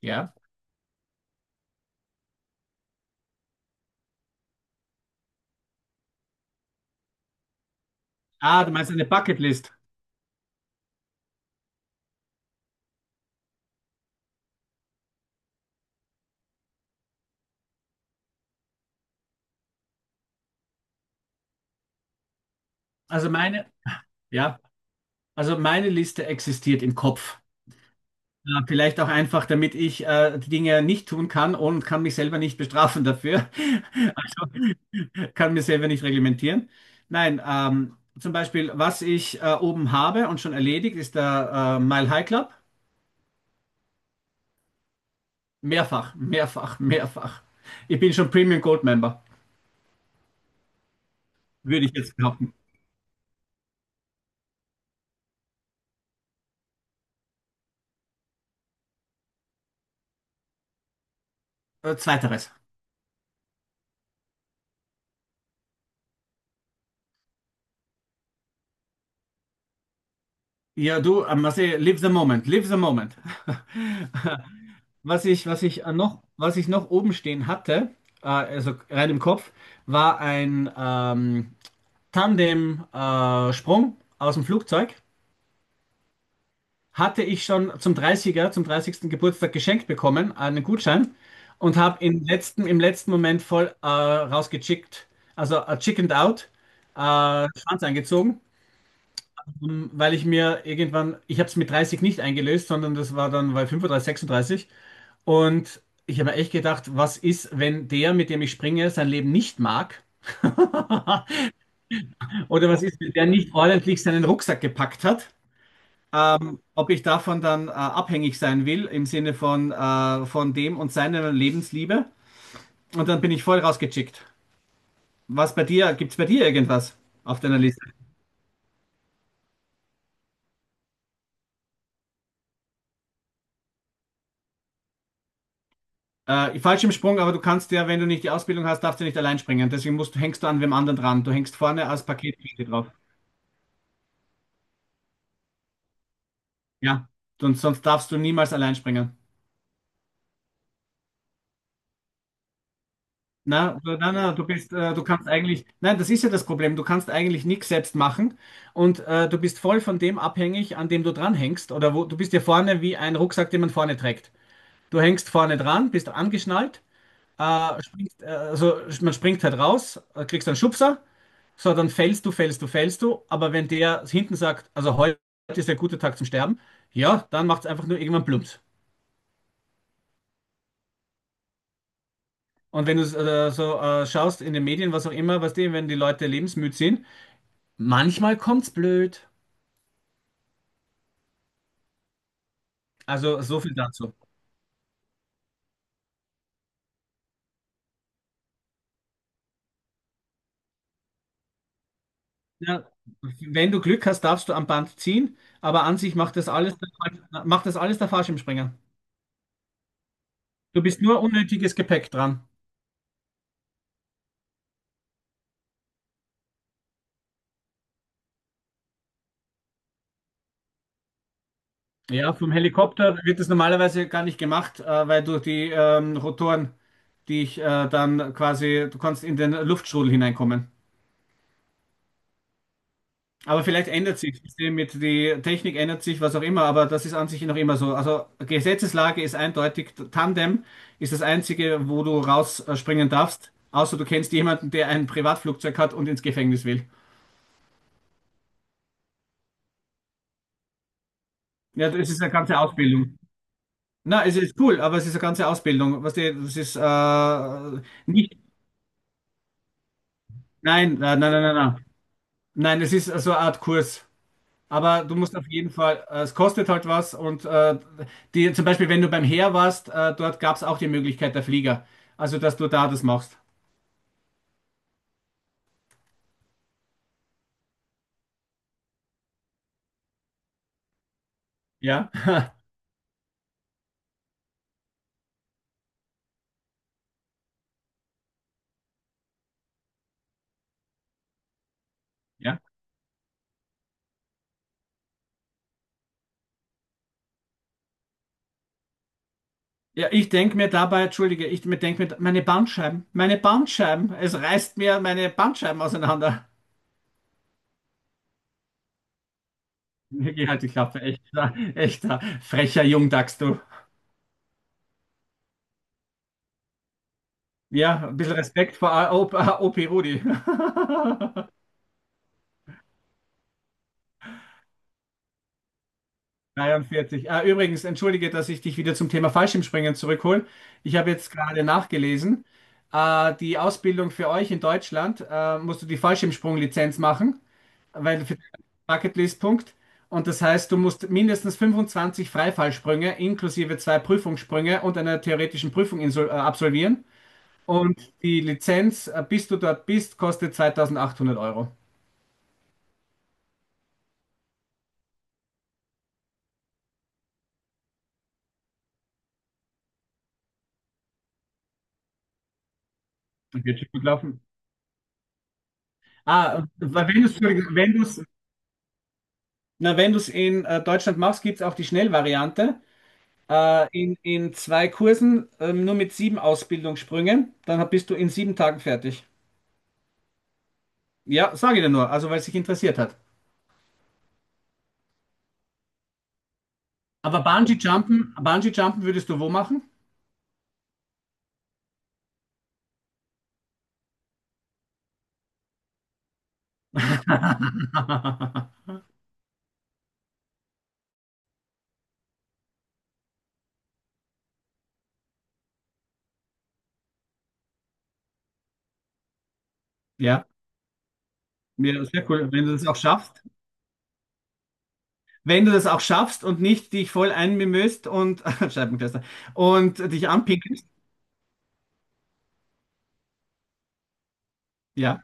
Ja. Ah, du meinst eine Bucketlist. Also meine, ja, also meine Liste existiert im Kopf. Ja, vielleicht auch einfach, damit ich die Dinge nicht tun kann und kann mich selber nicht bestrafen dafür. Also kann mir selber nicht reglementieren. Nein, zum Beispiel, was ich oben habe und schon erledigt, ist der Mile High Club. Mehrfach, mehrfach, mehrfach. Ich bin schon Premium Gold Member, würde ich jetzt behaupten. Zweiteres. Ja, du, Marcel, live the moment, live the moment. Was ich noch oben stehen hatte, also rein im Kopf, war ein Tandem-Sprung aus dem Flugzeug. Hatte ich schon zum 30er, zum 30. Geburtstag geschenkt bekommen, einen Gutschein, und habe im letzten Moment voll rausgechickt, also chickened out, äh, Schwanz eingezogen. Weil ich mir irgendwann, ich habe es mit 30 nicht eingelöst, sondern das war dann bei 35, 36. Und ich habe mir echt gedacht, was ist, wenn der, mit dem ich springe, sein Leben nicht mag? Oder was ist, wenn der nicht ordentlich seinen Rucksack gepackt hat? Ob ich davon dann abhängig sein will, im Sinne von dem und seiner Lebensliebe. Und dann bin ich voll rausgechickt. Gibt's bei dir irgendwas auf deiner Liste? Falsch im Sprung, aber du kannst ja, wenn du nicht die Ausbildung hast, darfst du nicht allein springen. Deswegen hängst du an wem anderen dran. Du hängst vorne als Paketbote drauf. Ja, und sonst darfst du niemals allein springen. Du kannst eigentlich, nein, das ist ja das Problem. Du kannst eigentlich nichts selbst machen und du bist voll von dem abhängig, an dem du dranhängst oder wo du bist ja vorne wie ein Rucksack, den man vorne trägt. Du hängst vorne dran, bist angeschnallt, also man springt halt raus, kriegst einen Schubser. So, dann fällst du, fällst du, fällst du. Aber wenn der hinten sagt, also heute ist der gute Tag zum Sterben, ja, dann macht es einfach nur irgendwann plumps. Und wenn du so schaust in den Medien, was auch immer, wenn die Leute lebensmüd sind, manchmal kommt's blöd. Also so viel dazu. Ja, wenn du Glück hast, darfst du am Band ziehen, aber an sich macht das alles der Fallschirmspringer. Du bist nur unnötiges Gepäck dran. Ja, vom Helikopter wird das normalerweise gar nicht gemacht, weil durch die Rotoren dich dann quasi, du kannst in den Luftstrudel hineinkommen. Aber vielleicht ändert sich das System mit, die Technik ändert sich, was auch immer, aber das ist an sich noch immer so. Also Gesetzeslage ist eindeutig, Tandem ist das Einzige, wo du rausspringen darfst, außer du kennst jemanden, der ein Privatflugzeug hat und ins Gefängnis will. Ja, das ist eine ganze Ausbildung. Na, es ist cool, aber es ist eine ganze Ausbildung. Das ist nicht. Nein, nein, nein, nein, nein. Nein, es ist so eine Art Kurs. Aber du musst auf jeden Fall, es kostet halt was. Und die, zum Beispiel, wenn du beim Heer warst, dort gab es auch die Möglichkeit der Flieger. Also, dass du da das machst. Ja, ja. Ja, ich denke mir dabei, entschuldige, ich mir denke mir, meine Bandscheiben, es reißt mir meine Bandscheiben auseinander. Wirklich halt die Klappe, echter, echter, frecher Jungdachs, du. Ja, ein bisschen Respekt vor OP Rudi. 43. Ah, übrigens, entschuldige, dass ich dich wieder zum Thema Fallschirmspringen zurückhole. Ich habe jetzt gerade nachgelesen, die Ausbildung für euch in Deutschland, musst du die Fallschirmsprunglizenz machen, weil für den Bucketlist-Punkt. Und das heißt, du musst mindestens 25 Freifallsprünge inklusive zwei Prüfungssprünge und einer theoretischen Prüfung absolvieren. Und die Lizenz, bis du dort bist, kostet 2800 Euro. Das wird schon gut laufen. Ah, weil wenn du es wenn Na, wenn du es in Deutschland machst, gibt es auch die Schnellvariante. In zwei Kursen, nur mit sieben Ausbildungssprüngen. Dann bist du in 7 Tagen fertig. Ja, sage ich dir nur, also weil es dich interessiert hat. Aber Bungee-Jumpen würdest du wo machen? Ja, ja, sehr cool, wenn du das auch schaffst. Wenn du das auch schaffst und nicht dich voll einmimöst und Scheibenkleister und dich anpinkelst. Ja,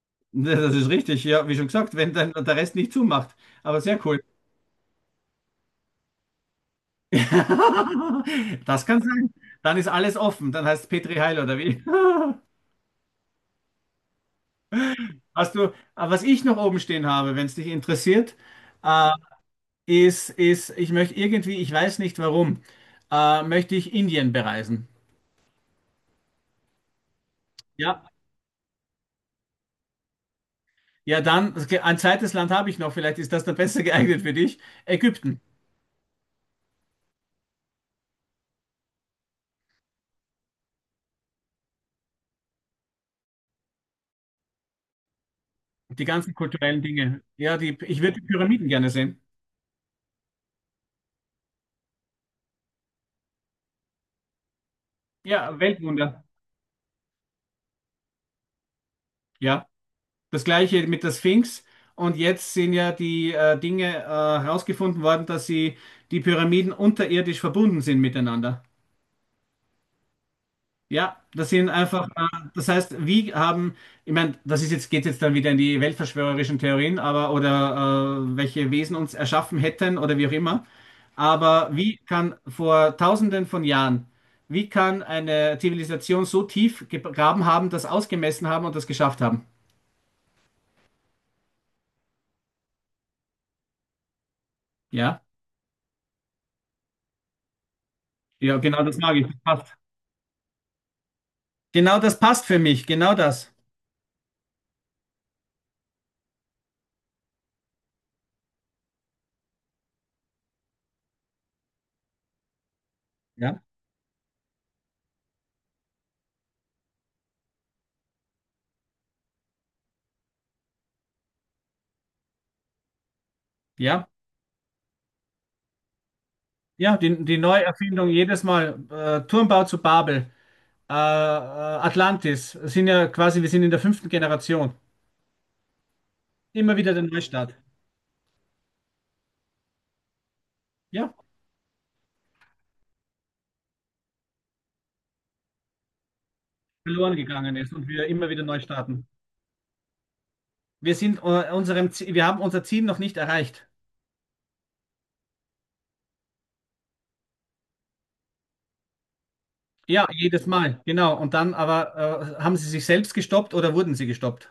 das ist richtig. Ja, wie schon gesagt, wenn dann der Rest nicht zumacht. Aber sehr cool. Das kann sein. Dann ist alles offen. Dann heißt es Petri Heil oder wie? Aber was ich noch oben stehen habe, wenn es dich interessiert, äh, ich möchte irgendwie, ich weiß nicht warum, möchte ich Indien bereisen. Ja, ja, dann, okay, ein zweites Land habe ich noch, vielleicht ist das dann besser geeignet für dich. Ägypten, die ganzen kulturellen Dinge. Ja, ich würde die Pyramiden gerne sehen. Ja, Weltwunder. Ja. Das gleiche mit der Sphinx. Und jetzt sind ja die Dinge herausgefunden worden, dass sie die Pyramiden unterirdisch verbunden sind miteinander. Ja, das sind einfach, das heißt, wie haben, ich meine, das ist jetzt, geht jetzt dann wieder in die weltverschwörerischen Theorien, aber oder welche Wesen uns erschaffen hätten oder wie auch immer. Aber wie kann vor Tausenden von Jahren, wie kann eine Zivilisation so tief gegraben haben, das ausgemessen haben und das geschafft haben? Ja, ja, genau das mag ich. Genau das passt für mich, genau das. Ja, ja, ja, die Neuerfindung jedes Mal. Turmbau zu Babel, Atlantis, sind ja quasi, wir sind in der fünften Generation. Immer wieder der Neustart. Ja, verloren gegangen ist und wir immer wieder neu starten. Wir haben unser Ziel noch nicht erreicht. Ja, jedes Mal, genau. Und dann aber haben sie sich selbst gestoppt oder wurden sie gestoppt?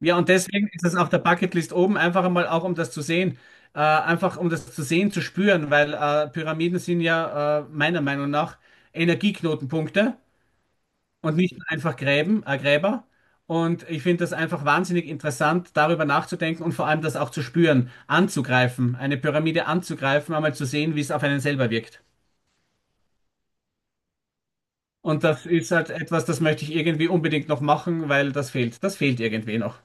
Ja, und deswegen ist es auf der Bucketlist oben einfach einmal auch, um das zu sehen, einfach um das zu sehen, zu spüren, weil Pyramiden sind ja meiner Meinung nach Energieknotenpunkte und nicht einfach Gräben, Gräber. Und ich finde das einfach wahnsinnig interessant, darüber nachzudenken und vor allem das auch zu spüren, anzugreifen, eine Pyramide anzugreifen, einmal zu sehen, wie es auf einen selber wirkt. Und das ist halt etwas, das möchte ich irgendwie unbedingt noch machen, weil das fehlt. Das fehlt irgendwie noch.